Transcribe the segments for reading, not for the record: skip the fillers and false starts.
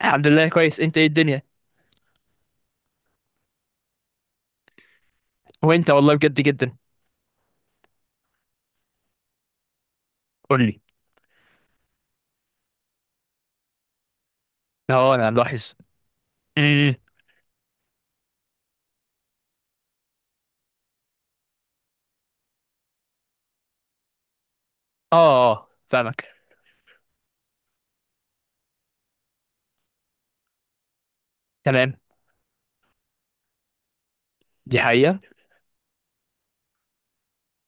الحمد لله كويس، انت ايه الدنيا؟ وانت والله بجد جدا. قول لي. اه، انا ملاحظ. امم. اه اه، فاهمك. تمام، دي حقيقة.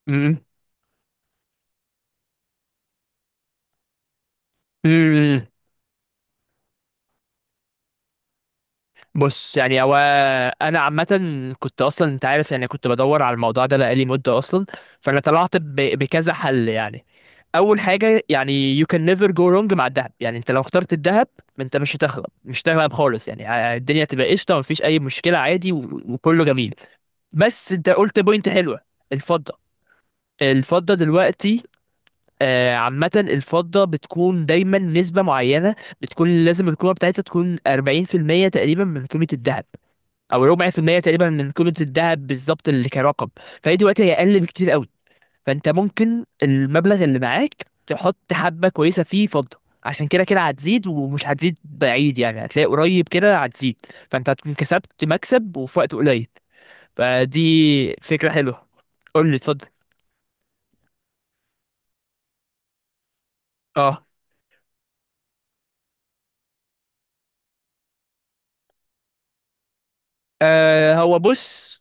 امم. امم. بص يعني هو، انا عامة كنت اصلا، انت عارف يعني كنت بدور على الموضوع ده بقالي مدة اصلا. فانا طلعت بكذا حل يعني. اول حاجة يعني you can never go wrong مع الذهب. يعني انت لو اخترت الذهب، انت مش هتغلب، مش هتغلب خالص يعني. الدنيا تبقى قشطة، مفيش اي مشكلة عادي، وكله جميل. بس انت قلت بوينت حلوة، الفضة. الفضة دلوقتي، عامة الفضة بتكون دايما نسبة معينة، بتكون لازم القيمة بتاعتها تكون 40% تقريبا من قيمة الذهب، أو ربع في المية تقريبا من قيمة الذهب بالظبط اللي كرقم. فهي دلوقتي هي أقل بكتير قوي، فأنت ممكن المبلغ اللي معاك تحط حبة كويسة فيه فضة، عشان كده كده هتزيد، ومش هتزيد بعيد يعني، هتلاقي قريب كده هتزيد، فأنت هتكون كسبت مكسب وفي وقت قليل. فدي فكرة حلوة. قول لي، اتفضل. آه هو بص،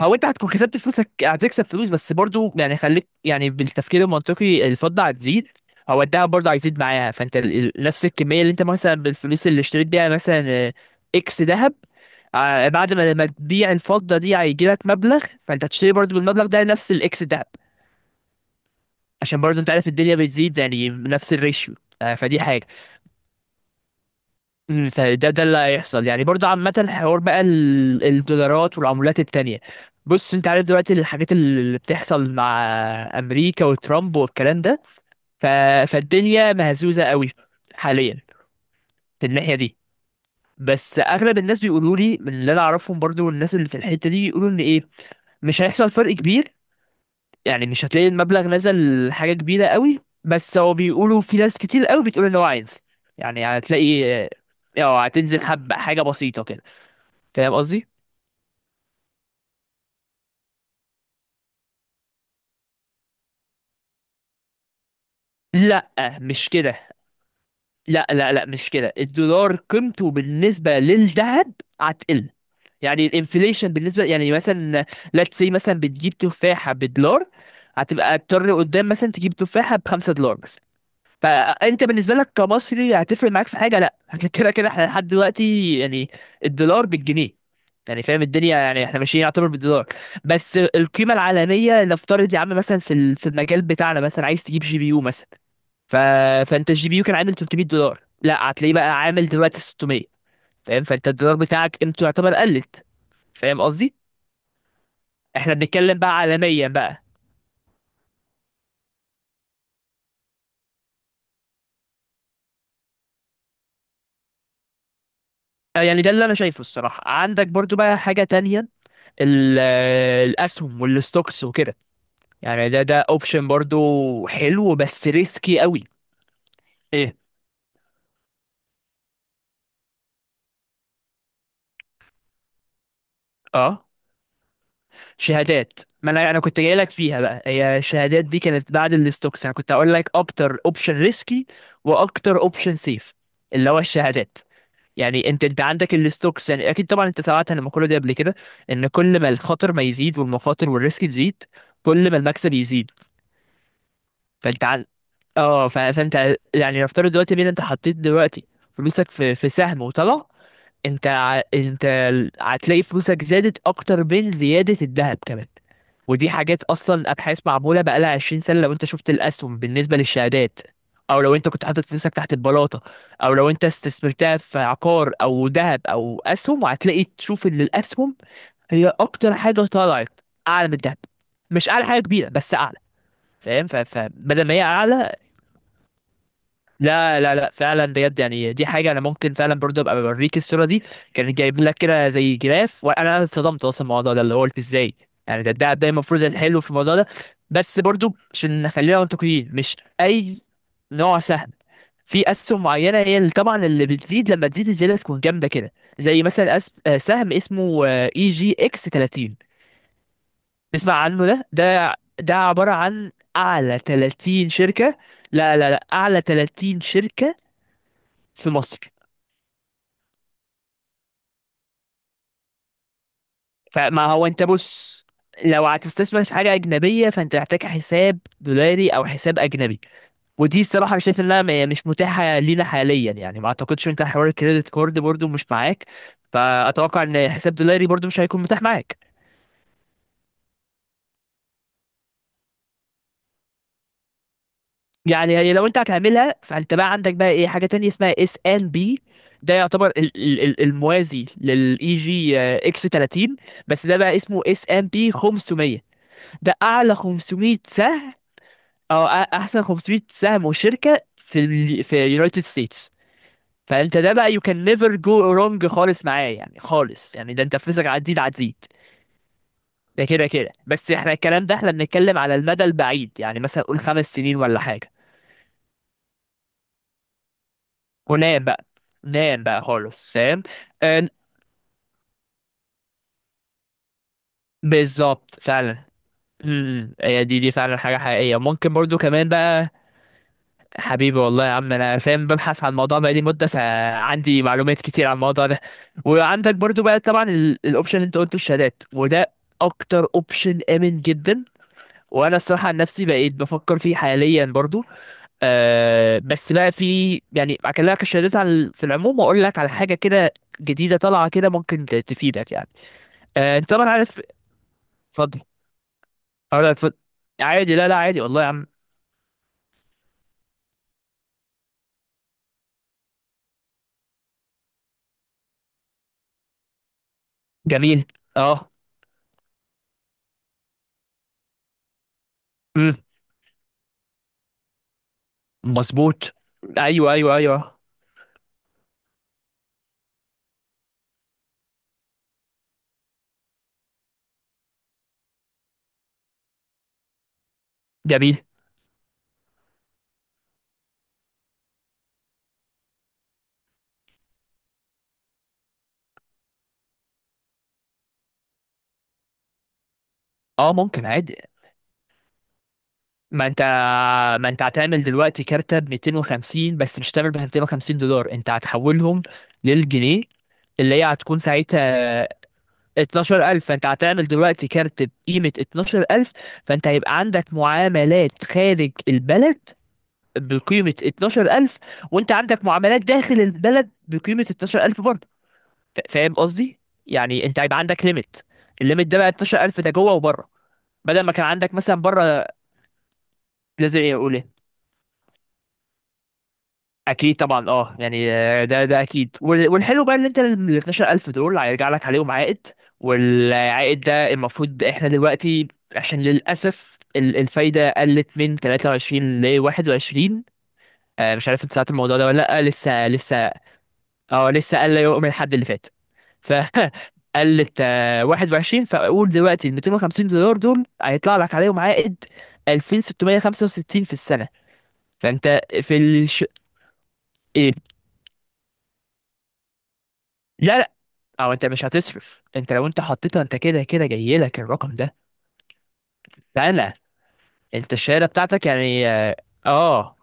هو انت هتكون كسبت فلوسك، هتكسب فلوس، بس برضو يعني خليك يعني بالتفكير المنطقي، الفضة هتزيد، هو الدهب برضه هيزيد معاها. فانت نفس الكمية اللي انت مثلا بالفلوس اللي اشتريت بيها مثلا، اكس ذهب، بعد ما تبيع الفضة دي، هيجي لك مبلغ، فانت هتشتري برضه بالمبلغ ده نفس الاكس ذهب، عشان برضه انت عارف الدنيا بتزيد يعني نفس الريشيو. فدي حاجة. فده اللي هيحصل يعني برضه. عامة الحوار بقى الدولارات والعملات التانية، بص انت عارف دلوقتي الحاجات اللي بتحصل مع امريكا وترامب والكلام ده، ف... فالدنيا مهزوزة قوي حاليا في الناحية دي. بس اغلب الناس بيقولوا لي من اللي انا اعرفهم برضه، والناس اللي في الحتة دي، بيقولوا ان ايه، مش هيحصل فرق كبير. يعني مش هتلاقي المبلغ نزل حاجة كبيرة قوي، بس هو بيقولوا في ناس كتير قوي بتقول ان هو هينزل. يعني هتلاقي اه هتنزل حبة، حاجة بسيطة كده. فاهم قصدي؟ لا، مش كده. لا لا لا، مش كده. الدولار قيمته بالنسبة للذهب هتقل. يعني الانفليشن بالنسبة يعني مثلا، let's say مثلا بتجيب تفاحة بدولار، هتبقى تضطر قدام مثلا تجيب تفاحة بخمسة دولار مثلا. فانت بالنسبة لك كمصري هتفرق معاك في حاجة؟ لا كده كده احنا لحد دلوقتي يعني الدولار بالجنيه، يعني فاهم الدنيا، يعني احنا ماشيين يعتبر بالدولار. بس القيمة العالمية نفترض يا عم مثلا، في في المجال بتاعنا، مثلا عايز تجيب جي بي يو مثلا، ف... فانت الجي بي يو كان عامل 300 دولار، لا هتلاقيه بقى عامل دلوقتي 600. فاهم؟ فانت الدولار بتاعك قيمته يعتبر قلت. فاهم قصدي؟ احنا بنتكلم بقى عالميا بقى. يعني ده اللي انا شايفه الصراحه. عندك برضو بقى حاجه تانية، الاسهم والستوكس وكده، يعني ده ده اوبشن برضو حلو بس ريسكي قوي. ايه؟ اه، شهادات. ما انا كنت جاي لك فيها بقى. هي الشهادات دي كانت بعد الستوكس. انا كنت هقول لك اكتر اوبشن ريسكي واكتر اوبشن سيف، اللي هو الشهادات. يعني انت عندك الستوكس. يعني اكيد طبعا انت سمعت عن المقوله دي قبل كده، ان كل ما الخطر ما يزيد والمخاطر والريسك تزيد، كل ما المكسب يزيد. فانت فانت يعني نفترض دلوقتي، مين انت حطيت دلوقتي فلوسك في سهم وطلع، انت هتلاقي فلوسك زادت اكتر من زيادة الذهب كمان. ودي حاجات اصلا ابحاث معمولة بقالها 20 سنة، لو انت شفت الاسهم بالنسبة للشهادات، او لو انت كنت حاطط فلوسك تحت البلاطة، او لو انت استثمرتها في عقار او ذهب او اسهم، وهتلاقي تشوف ان الاسهم هي اكتر حاجة طلعت، اعلى من الذهب، مش اعلى حاجة كبيرة بس اعلى. فاهم؟ فبدل ما هي اعلى. لا لا لا، فعلا بجد يعني دي حاجه انا ممكن فعلا برضه ابقى بوريك الصوره دي، كان جايب لك كده زي جراف وانا اتصدمت اصلا من الموضوع ده، اللي هو قلت ازاي يعني ده المفروض الحلو في الموضوع ده. بس برضه عشان نخلينا منطقيين، مش اي نوع سهم. في اسهم معينه هي اللي طبعا اللي بتزيد، لما تزيد الزياده تكون جامده كده، زي مثلا أس... آه، سهم اسمه اي جي اكس 30. تسمع عنه؟ ده ده عباره عن اعلى 30 شركه. لا لا لا، اعلى 30 شركه في مصر. فما هو انت بص، لو هتستثمر في حاجة أجنبية فأنت محتاج حساب دولاري أو حساب أجنبي، ودي الصراحة شايف إنها مش متاحة لينا حاليا يعني. ما أعتقدش، أنت حوار الكريدت كارد برضو مش معاك، فأتوقع إن حساب دولاري برضو مش هيكون متاح معاك. يعني هي لو أنت هتعملها، فأنت بقى عندك بقى إيه، حاجة تانية اسمها اس ان بي. ده يعتبر الموازي للاي جي اكس 30، بس ده بقى اسمه اس ان بي 500. ده أعلى 500 سهم، او احسن 500 سهم وشركه في ال في يونايتد ستيتس. فانت ده بقى يو كان نيفر جو رونج خالص معاه يعني، خالص يعني، ده انت فلوسك عديد عديد، ده كده كده. بس احنا الكلام ده احنا بنتكلم على المدى البعيد، يعني مثلا قول خمس سنين ولا حاجه. ونام بقى، نام بقى خالص. فاهم؟ آه، بالظبط، فعلا. امم، هي دي دي فعلا حاجه حقيقيه ممكن برضو كمان بقى. حبيبي، والله يا عم انا فاهم، ببحث عن الموضوع بقالي مده، فعندي معلومات كتير عن الموضوع ده. وعندك برضو بقى طبعا الاوبشن اللي انت قلته، الشهادات، وده اكتر اوبشن امن جدا، وانا الصراحه عن نفسي بقيت بفكر فيه حاليا برضو. آه بس بقى في يعني، اكلمك الشهادات على في العموم، واقول لك على حاجه كده جديده طالعه كده ممكن تفيدك يعني. آه انت طبعا عارف، اتفضل. اه لا، اتفضل. عادي، لا لا، عادي والله يا عم. جميل. اه. امم، مظبوط. ايوه ايوه ايوه. جميل. اه، ممكن عادي. ما انت، ما انت هتعمل دلوقتي كارتة ب 250، بس مش هتعمل ب 250 دولار، انت هتحولهم للجنيه، اللي هي هتكون ساعتها 12,000. فانت هتعمل دلوقتي كارت بقيمة 12,000، فانت هيبقى عندك معاملات خارج البلد بقيمة 12,000، وانت عندك معاملات داخل البلد بقيمة 12,000 برضه. فاهم قصدي؟ يعني انت هيبقى عندك ليميت، الليميت ده بقى 12,000، ده جوه وبره، بدل ما كان عندك مثلا بره. لازم يقول ايه؟ اكيد طبعا اه يعني، ده ده اكيد. والحلو بقى ان انت ال 12,000 دول هيرجع لك عليهم عائد. والعائد ده المفروض احنا دلوقتي، عشان للاسف الفايده قلت من 23 ل 21. مش عارف انت ساعات الموضوع ده ولا لا لسه لسه. اه لسه، قال لا يؤمن الحد اللي فات، ف قلت 21. فاقول دلوقتي ال 250 دولار دول هيطلع لك عليهم عائد 2665 في السنه. فانت في إيه؟ لا، او انت مش هتصرف. انت لو انت حطيتها، انت كده كده جاي لك الرقم ده. فانا، انت الشهاده بتاعتك يعني اه، آه،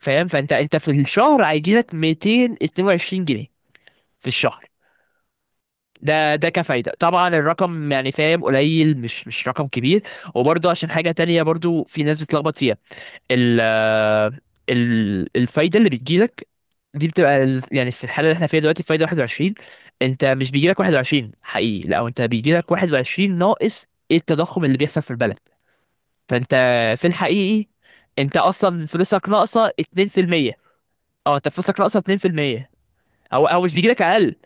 فاهم. فانت انت في الشهر هيجي لك 222 جنيه في الشهر. ده ده كفايده طبعا، الرقم يعني فاهم قليل، مش مش رقم كبير. وبرضه عشان حاجه تانية برضه في ناس بتلخبط فيها، ال آه، الفايده اللي بتجيلك دي بتبقى يعني في الحاله اللي احنا فيها دلوقتي فايده 21، انت مش بيجي لك 21 حقيقي، لا انت بيجي لك 21 ناقص ايه، التضخم اللي بيحصل في البلد. فانت في الحقيقي انت اصلا فلوسك ناقصه 2%. اه، انت فلوسك ناقصه 2%، او او مش بيجي لك اقل،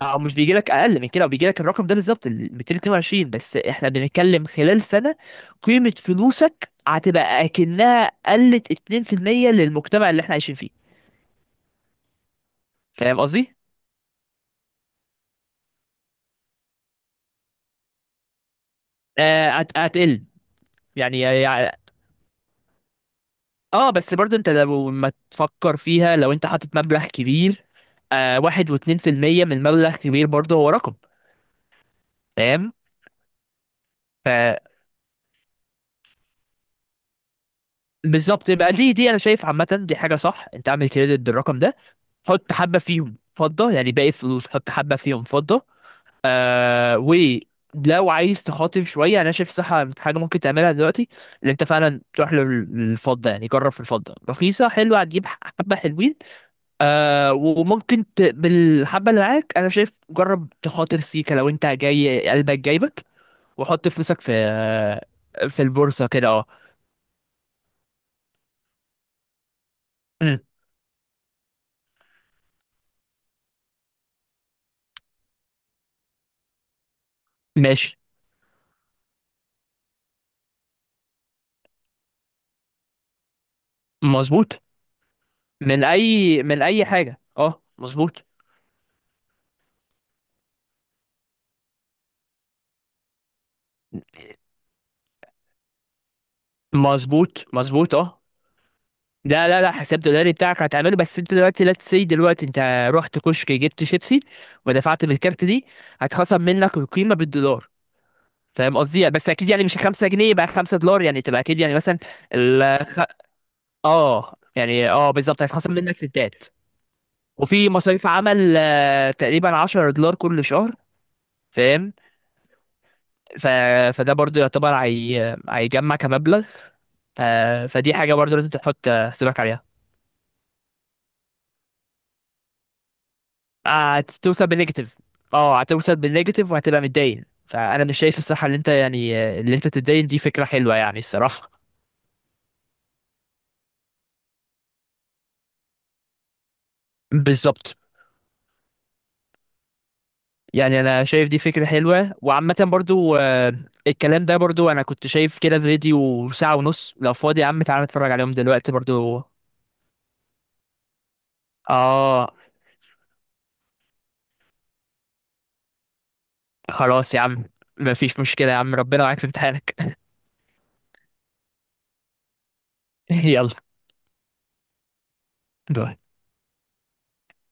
او مش بيجي لك اقل من كده، وبيجي لك الرقم ده بالظبط، ال 222. بس احنا بنتكلم خلال سنه، قيمه فلوسك هتبقى اكنها قلت 2% للمجتمع اللي احنا عايشين فيه. فاهم قصدي؟ هتقل. يعني, اه، بس برضه انت لو ما تفكر فيها، لو انت حاطط مبلغ كبير، آه واحد واتنين في المية من مبلغ كبير برضه هو رقم. فاهم؟ فبالظبط. يبقى دي دي انا شايف عامة دي حاجة صح، انت اعمل كريدت بالرقم ده، حط حبة فيهم فضة، يعني باقي الفلوس حط حبة فيهم فضة. آه ولو عايز تخاطر شوية، انا شايف صح حاجة ممكن تعملها دلوقتي، اللي انت فعلا تروح للفضة، يعني جرب في الفضة رخيصة حلوة، هتجيب حبة حلوين. آه وممكن بالحبة اللي معاك أنا شايف جرب تخاطر سيكا لو أنت جاي قلبك جايبك، وحط فلوسك في في البورصة كده، أه. أمم، ماشي. مظبوط. من أي، من أي حاجة أه، مظبوط. مظبوط، مظبوط أه. لا لا لا، حساب دولاري بتاعك هتعمله، بس أنت دلوقتي لا تسي دلوقتي أنت رحت كشك جبت شيبسي ودفعت بالكارت دي، هتخصم منك القيمة بالدولار. فاهم قصدي؟ يعني بس أكيد يعني مش 5 جنيه بقى 5 دولار يعني، تبقى أكيد يعني مثلا. اه، يعني اه بالظبط، هيتخصم منك ستات. وفي مصاريف عمل تقريبا 10 دولار كل شهر. فاهم؟ ف... فده برضو يعتبر هيجمع كمبلغ. ف... فدي حاجة برضو لازم تحط حسابك عليها، هتوصل بالنيجاتيف. اه، هتوصل بالنيجاتيف وهتبقى متدين، فأنا مش شايف الصراحة اللي انت يعني اللي انت تتدين دي فكرة حلوة يعني، الصراحة. بالظبط. يعني انا شايف دي فكرة حلوة، وعامة برضو الكلام ده برضو انا كنت شايف كده فيديو ساعة ونص، لو فاضي يا عم تعالى نتفرج عليهم دلوقتي برضو. اه، خلاص يا عم، مفيش مشكلة يا عم، ربنا معاك في امتحانك. يلا، باي.